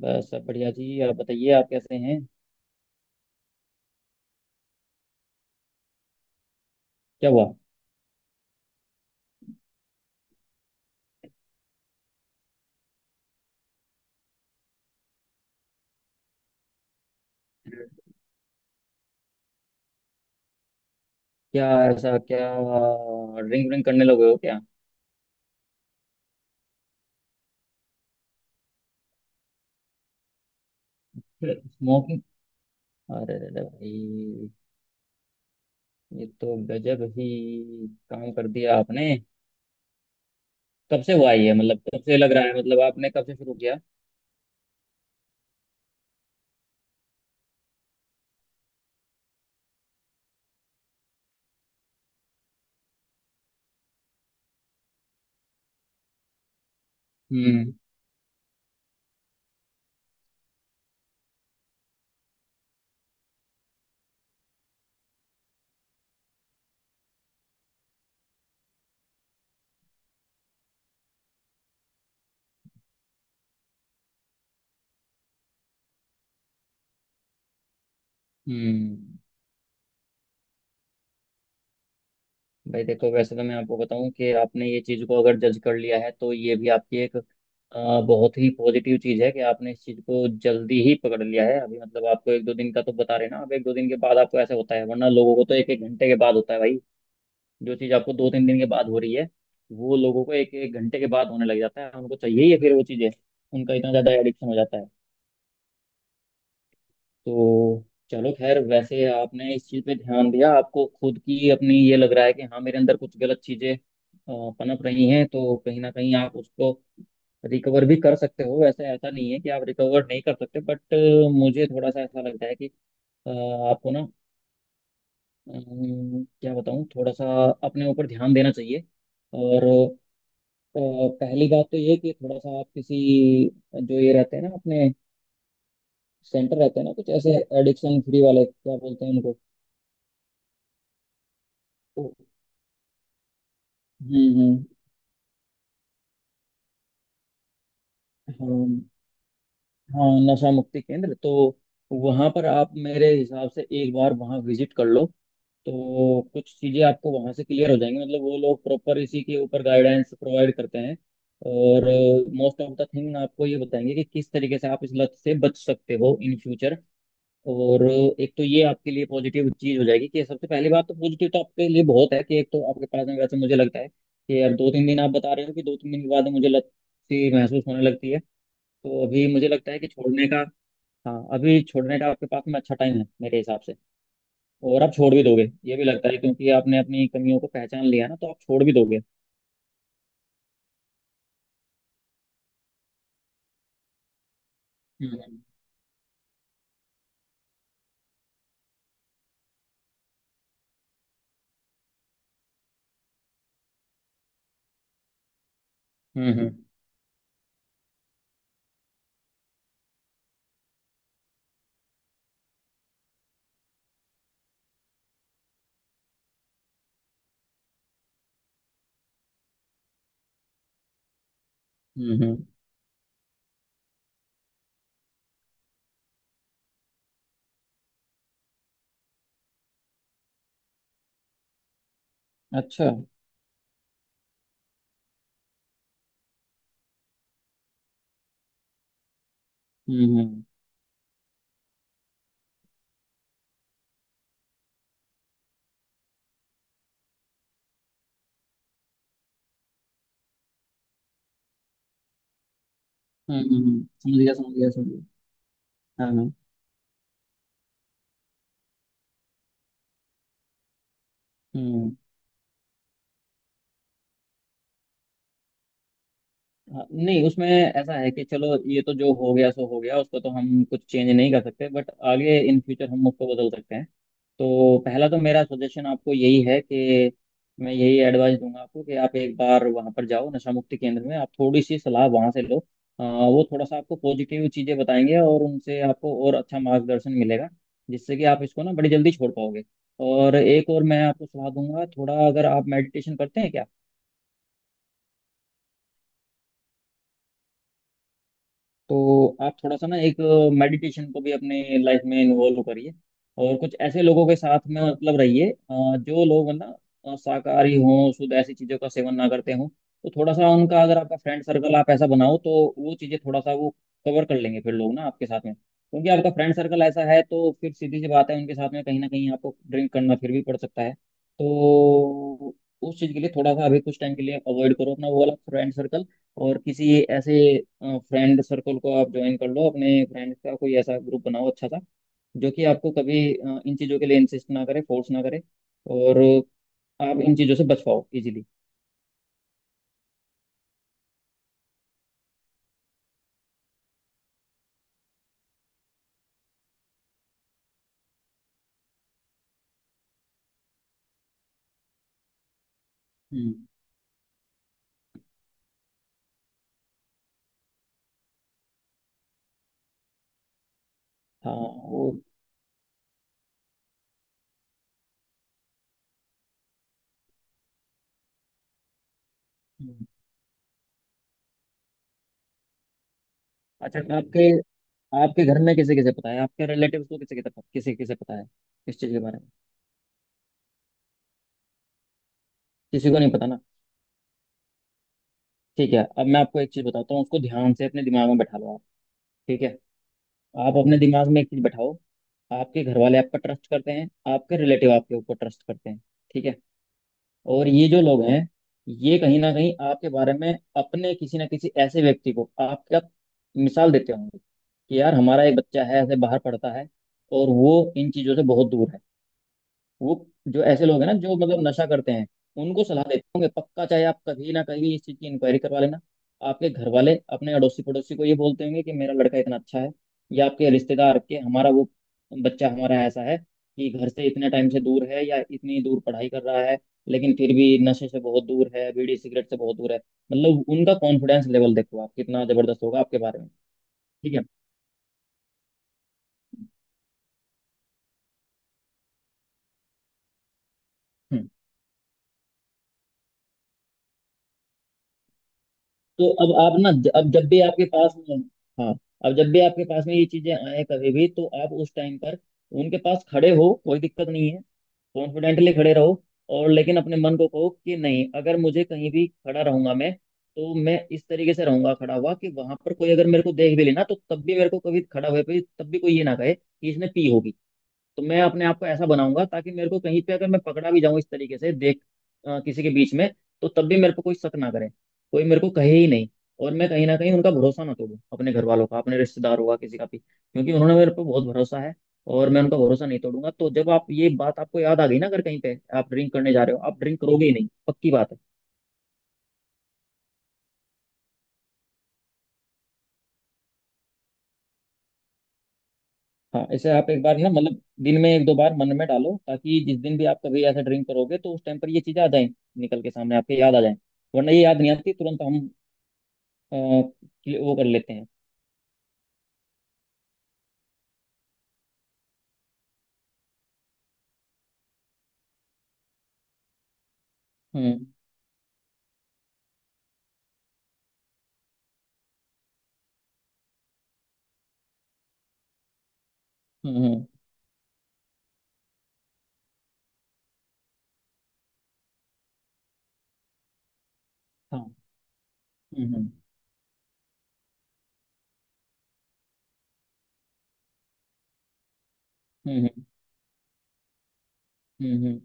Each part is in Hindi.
बस सब बढ़िया जी। आप बताइए, आप कैसे हैं? क्या हुआ? क्या, ऐसा क्या? ड्रिंक व्रिंक करने लगे हो क्या? स्मोकिंग? अरे रे रे भाई, ये तो गजब ही काम कर दिया आपने। कब से हुआ ये? मतलब कब से लग रहा है? मतलब आपने कब से शुरू किया? हम्म, हम्म। भाई देखो, वैसे तो मैं आपको बताऊं कि आपने ये चीज़ को अगर जज कर लिया है तो ये भी आपकी एक बहुत ही पॉजिटिव चीज़ है कि आपने इस चीज़ को जल्दी ही पकड़ लिया है। अभी मतलब आपको एक दो दिन का तो बता रहे ना, अब एक दो दिन के बाद आपको ऐसा होता है, वरना लोगों को तो एक एक घंटे के बाद होता है भाई। जो चीज़ आपको दो तीन दिन के बाद हो रही है वो लोगों को एक एक घंटे के बाद होने लग जाता है, उनको चाहिए ही है फिर वो चीज़ें, उनका इतना ज़्यादा एडिक्शन हो जाता है। तो चलो खैर, वैसे आपने इस चीज़ पे ध्यान दिया, आपको खुद की अपनी ये लग रहा है कि हाँ मेरे अंदर कुछ गलत चीज़ें पनप रही हैं, तो कहीं ना कहीं आप उसको रिकवर भी कर सकते हो। वैसे ऐसा नहीं है कि आप रिकवर नहीं कर सकते, बट मुझे थोड़ा सा ऐसा लगता है कि अ, आपको ना, क्या बताऊँ, थोड़ा सा अपने ऊपर ध्यान देना चाहिए, और अ, पहली बात तो ये कि थोड़ा सा आप किसी, जो ये रहते हैं ना अपने सेंटर रहते हैं ना कुछ ऐसे, एडिक्शन फ्री वाले क्या बोलते हैं उनको? ओ, हम्म हम्म, हाँ, हाँ नशा मुक्ति केंद्र, तो वहां पर आप मेरे हिसाब से एक बार वहां विजिट कर लो तो कुछ चीजें आपको वहां से क्लियर हो जाएंगी। मतलब वो लोग प्रॉपर इसी के ऊपर गाइडेंस प्रोवाइड करते हैं, और मोस्ट ऑफ द थिंग आपको ये बताएंगे कि किस तरीके से आप इस लत से बच सकते हो इन फ्यूचर, और एक तो ये आपके लिए पॉजिटिव चीज हो जाएगी। कि सबसे पहली बात तो पॉजिटिव तो आपके लिए बहुत है कि एक तो आपके पास में, वैसे मुझे लगता है कि यार दो तीन दिन आप बता रहे हो कि दो तीन दिन के बाद मुझे लत सी महसूस होने लगती है, तो अभी मुझे लगता है कि छोड़ने का, हाँ अभी छोड़ने का आपके पास में अच्छा टाइम है मेरे हिसाब से, और आप छोड़ भी दोगे ये भी लगता है, क्योंकि आपने अपनी कमियों को पहचान लिया ना तो आप छोड़ भी दोगे। हम्म, हम्म, हम्म, हम्म, अच्छा, हम्म, हम्म, हम्म, समझ गया समझ गया समझ गया, हाँ हाँ, हम्म, हाँ, नहीं उसमें ऐसा है कि चलो ये तो जो हो गया सो हो गया, उसको तो हम कुछ चेंज नहीं कर सकते, बट आगे इन फ्यूचर हम उसको बदल सकते हैं। तो पहला तो मेरा सजेशन आपको यही है कि मैं यही एडवाइस दूंगा आपको कि आप एक बार वहां पर जाओ नशा मुक्ति केंद्र में, आप थोड़ी सी सलाह वहां से लो। वो थोड़ा सा आपको पॉजिटिव चीजें बताएंगे और उनसे आपको और अच्छा मार्गदर्शन मिलेगा, जिससे कि आप इसको ना बड़ी जल्दी छोड़ पाओगे, और एक और मैं आपको सलाह दूंगा, थोड़ा अगर आप मेडिटेशन करते हैं तो आप थोड़ा सा ना एक मेडिटेशन को भी अपने लाइफ में इन्वॉल्व करिए, और कुछ ऐसे लोगों के साथ में मतलब रहिए, जो लोग ना शाकाहारी हों, शुद्ध ऐसी चीज़ों का सेवन ना करते हों, तो थोड़ा सा उनका, अगर आपका फ्रेंड सर्कल आप ऐसा बनाओ तो वो चीज़ें थोड़ा सा वो कवर कर लेंगे फिर, लोग ना आपके साथ में, क्योंकि आपका फ्रेंड सर्कल ऐसा है तो फिर सीधी सी बात है उनके साथ में कहीं ना कहीं आपको ड्रिंक करना फिर भी पड़ सकता है, तो उस चीज़ के लिए थोड़ा सा अभी कुछ टाइम के लिए अवॉइड करो अपना वो वाला फ्रेंड सर्कल, और किसी ऐसे फ्रेंड सर्कल को आप ज्वाइन कर लो, अपने फ्रेंड्स का कोई ऐसा ग्रुप बनाओ अच्छा सा जो कि आपको कभी इन चीज़ों के लिए इंसिस्ट ना करे, फोर्स ना करे, और आप इन चीज़ों से बच पाओ इजीली। हम्म, हाँ वो, हम्म। अच्छा, आपके, आपके घर में किसे किसे पता है? आपके रिलेटिव्स को किसे किसे पता, किसे किसे पता है इस चीज़ के बारे में? किसी को नहीं पता ना? ठीक है, अब मैं आपको एक चीज़ बताता हूँ, उसको ध्यान से अपने दिमाग में बैठा लो आप, ठीक है? आप अपने दिमाग में एक चीज बैठाओ, आपके घर वाले आप पर ट्रस्ट करते हैं, आपके रिलेटिव आपके ऊपर ट्रस्ट करते हैं, ठीक है? और ये जो लोग हैं, ये कहीं ना कहीं आपके बारे में अपने किसी ना किसी ऐसे व्यक्ति को आपका मिसाल देते होंगे कि यार हमारा एक बच्चा है ऐसे बाहर पढ़ता है और वो इन चीजों से बहुत दूर है। वो जो ऐसे लोग हैं ना जो मतलब नशा करते हैं, उनको सलाह देते होंगे पक्का। चाहे आप कभी ना कभी इस चीज़ की इंक्वायरी करवा लेना, आपके घर वाले अपने अड़ोसी पड़ोसी को ये बोलते होंगे कि मेरा लड़का इतना अच्छा है, या आपके रिश्तेदार के हमारा वो बच्चा, हमारा ऐसा है कि घर से इतने टाइम से दूर है या इतनी दूर पढ़ाई कर रहा है लेकिन फिर भी नशे से बहुत दूर है, बीड़ी सिगरेट से बहुत दूर है। मतलब उनका कॉन्फिडेंस लेवल देखो आप, कितना जबरदस्त होगा आपके बारे में। ठीक है। हम्म। तो अब आप ना अब जब भी आपके पास में, हाँ, अब जब भी आपके पास में ये चीजें आए कभी भी तो आप उस टाइम पर उनके पास खड़े हो, कोई दिक्कत नहीं है, कॉन्फिडेंटली खड़े रहो, और लेकिन अपने मन को कहो कि नहीं, अगर मुझे कहीं भी खड़ा रहूंगा मैं तो मैं इस तरीके से रहूंगा खड़ा हुआ कि वहां पर कोई अगर मेरे को देख भी लेना तो तब भी मेरे को कभी खड़ा हुए पे तब भी कोई ये ना कहे कि इसने पी होगी, तो मैं अपने आप को ऐसा बनाऊंगा ताकि मेरे को कहीं पे अगर मैं पकड़ा भी जाऊं इस तरीके से देख, किसी के बीच में, तो तब भी मेरे को कोई शक ना करे, कोई मेरे को कहे ही नहीं, और मैं कहीं ना कहीं उनका भरोसा ना तोड़ूं, अपने घर वालों का, अपने रिश्तेदारों का, किसी का भी, क्योंकि उन्होंने मेरे पर बहुत भरोसा है, और मैं उनका भरोसा नहीं तोड़ूंगा। तो जब आप ये बात आपको याद आ गई ना, अगर कहीं पे आप ड्रिंक करने जा रहे हो, आप ड्रिंक करोगे ही नहीं, पक्की बात है। हाँ इसे आप एक बार ना मतलब दिन में एक दो बार मन में डालो, ताकि जिस दिन भी आप कभी ऐसा ड्रिंक करोगे तो उस टाइम पर ये चीजें आ जाए, निकल के सामने आपके याद आ जाए, वरना ये याद नहीं आती तुरंत, हम वो कर लेते हैं। हम्म, हम्म, हाँ, हम्म, हम्म, हम्म, हम्म,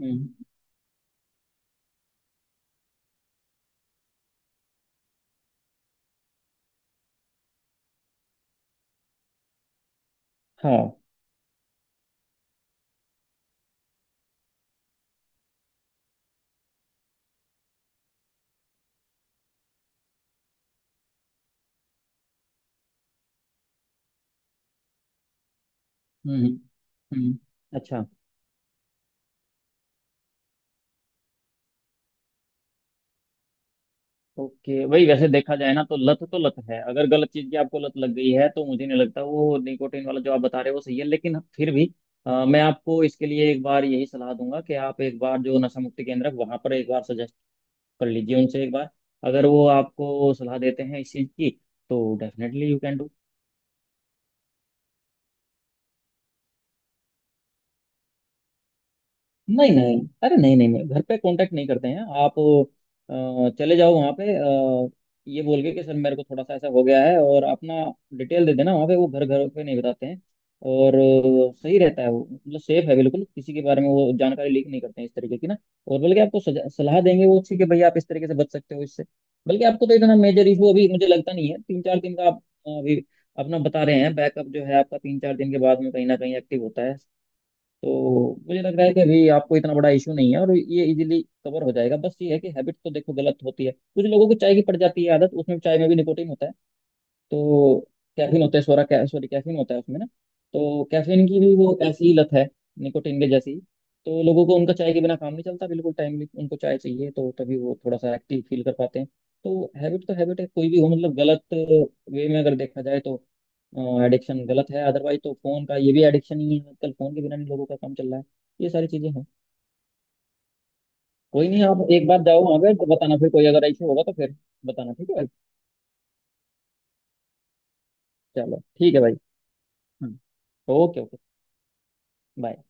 हम्म, हाँ, हम्म, हम्म, हम्म, अच्छा, ओके भाई। वैसे देखा जाए ना तो लत है, अगर गलत चीज की आपको लत लग गई है तो मुझे नहीं लगता वो निकोटीन वाला जो आप बता रहे हो वो सही है, लेकिन फिर भी मैं आपको इसके लिए एक बार यही सलाह दूंगा कि आप एक बार जो नशा मुक्ति केंद्र है वहां पर एक बार सजेस्ट कर लीजिए उनसे, एक बार अगर वो आपको सलाह देते हैं इस चीज की तो डेफिनेटली यू कैन डू। नहीं नहीं, अरे नहीं नहीं नहीं, घर पे कांटेक्ट नहीं करते हैं आप, चले जाओ वहाँ पे, ये बोल के कि सर मेरे को थोड़ा सा ऐसा हो गया है, और अपना डिटेल दे देना वहाँ पे, वो घर घर पे नहीं बताते हैं, और सही रहता है वो, मतलब सेफ है बिल्कुल, किसी के बारे में वो जानकारी लीक नहीं करते हैं इस तरीके की ना, और बल्कि आपको सलाह देंगे वो अच्छी कि भाई आप इस तरीके से बच सकते हो इससे। बल्कि आपको तो इतना मेजर इशू अभी मुझे लगता नहीं है, तीन चार दिन का आप अभी अपना बता रहे हैं, बैकअप जो है आपका तीन चार दिन के बाद में कहीं ना कहीं एक्टिव होता है, तो मुझे लग रहा है कि अभी आपको इतना बड़ा इशू नहीं है और ये इजीली कवर हो जाएगा। बस ये है कि हैबिट तो देखो गलत होती है, कुछ लोगों को चाय की पड़ जाती है आदत, उसमें चाय में भी निकोटिन होता है, तो कैफीन होता है, सॉरी कैफीन होता है उसमें ना, तो कैफीन की भी वो ऐसी ही लत है निकोटीन के जैसी ही। तो लोगों को उनका चाय के बिना काम नहीं चलता, बिल्कुल टाइमली उनको चाय चाहिए तो तभी वो थोड़ा सा एक्टिव फील कर पाते हैं, तो हैबिट है कोई भी हो, मतलब गलत वे में अगर देखा जाए तो एडिक्शन गलत है, अदरवाइज तो फोन का ये भी एडिक्शन ही है, आजकल फोन के बिना नहीं लोगों का काम चल रहा है, ये सारी चीजें हैं। कोई नहीं, आप एक बार जाओ वहाँ पे तो बताना, फिर कोई अगर ऐसे होगा तो फिर बताना, ठीक है? चलो ठीक है भाई। हम्म, ओके ओके, बाय।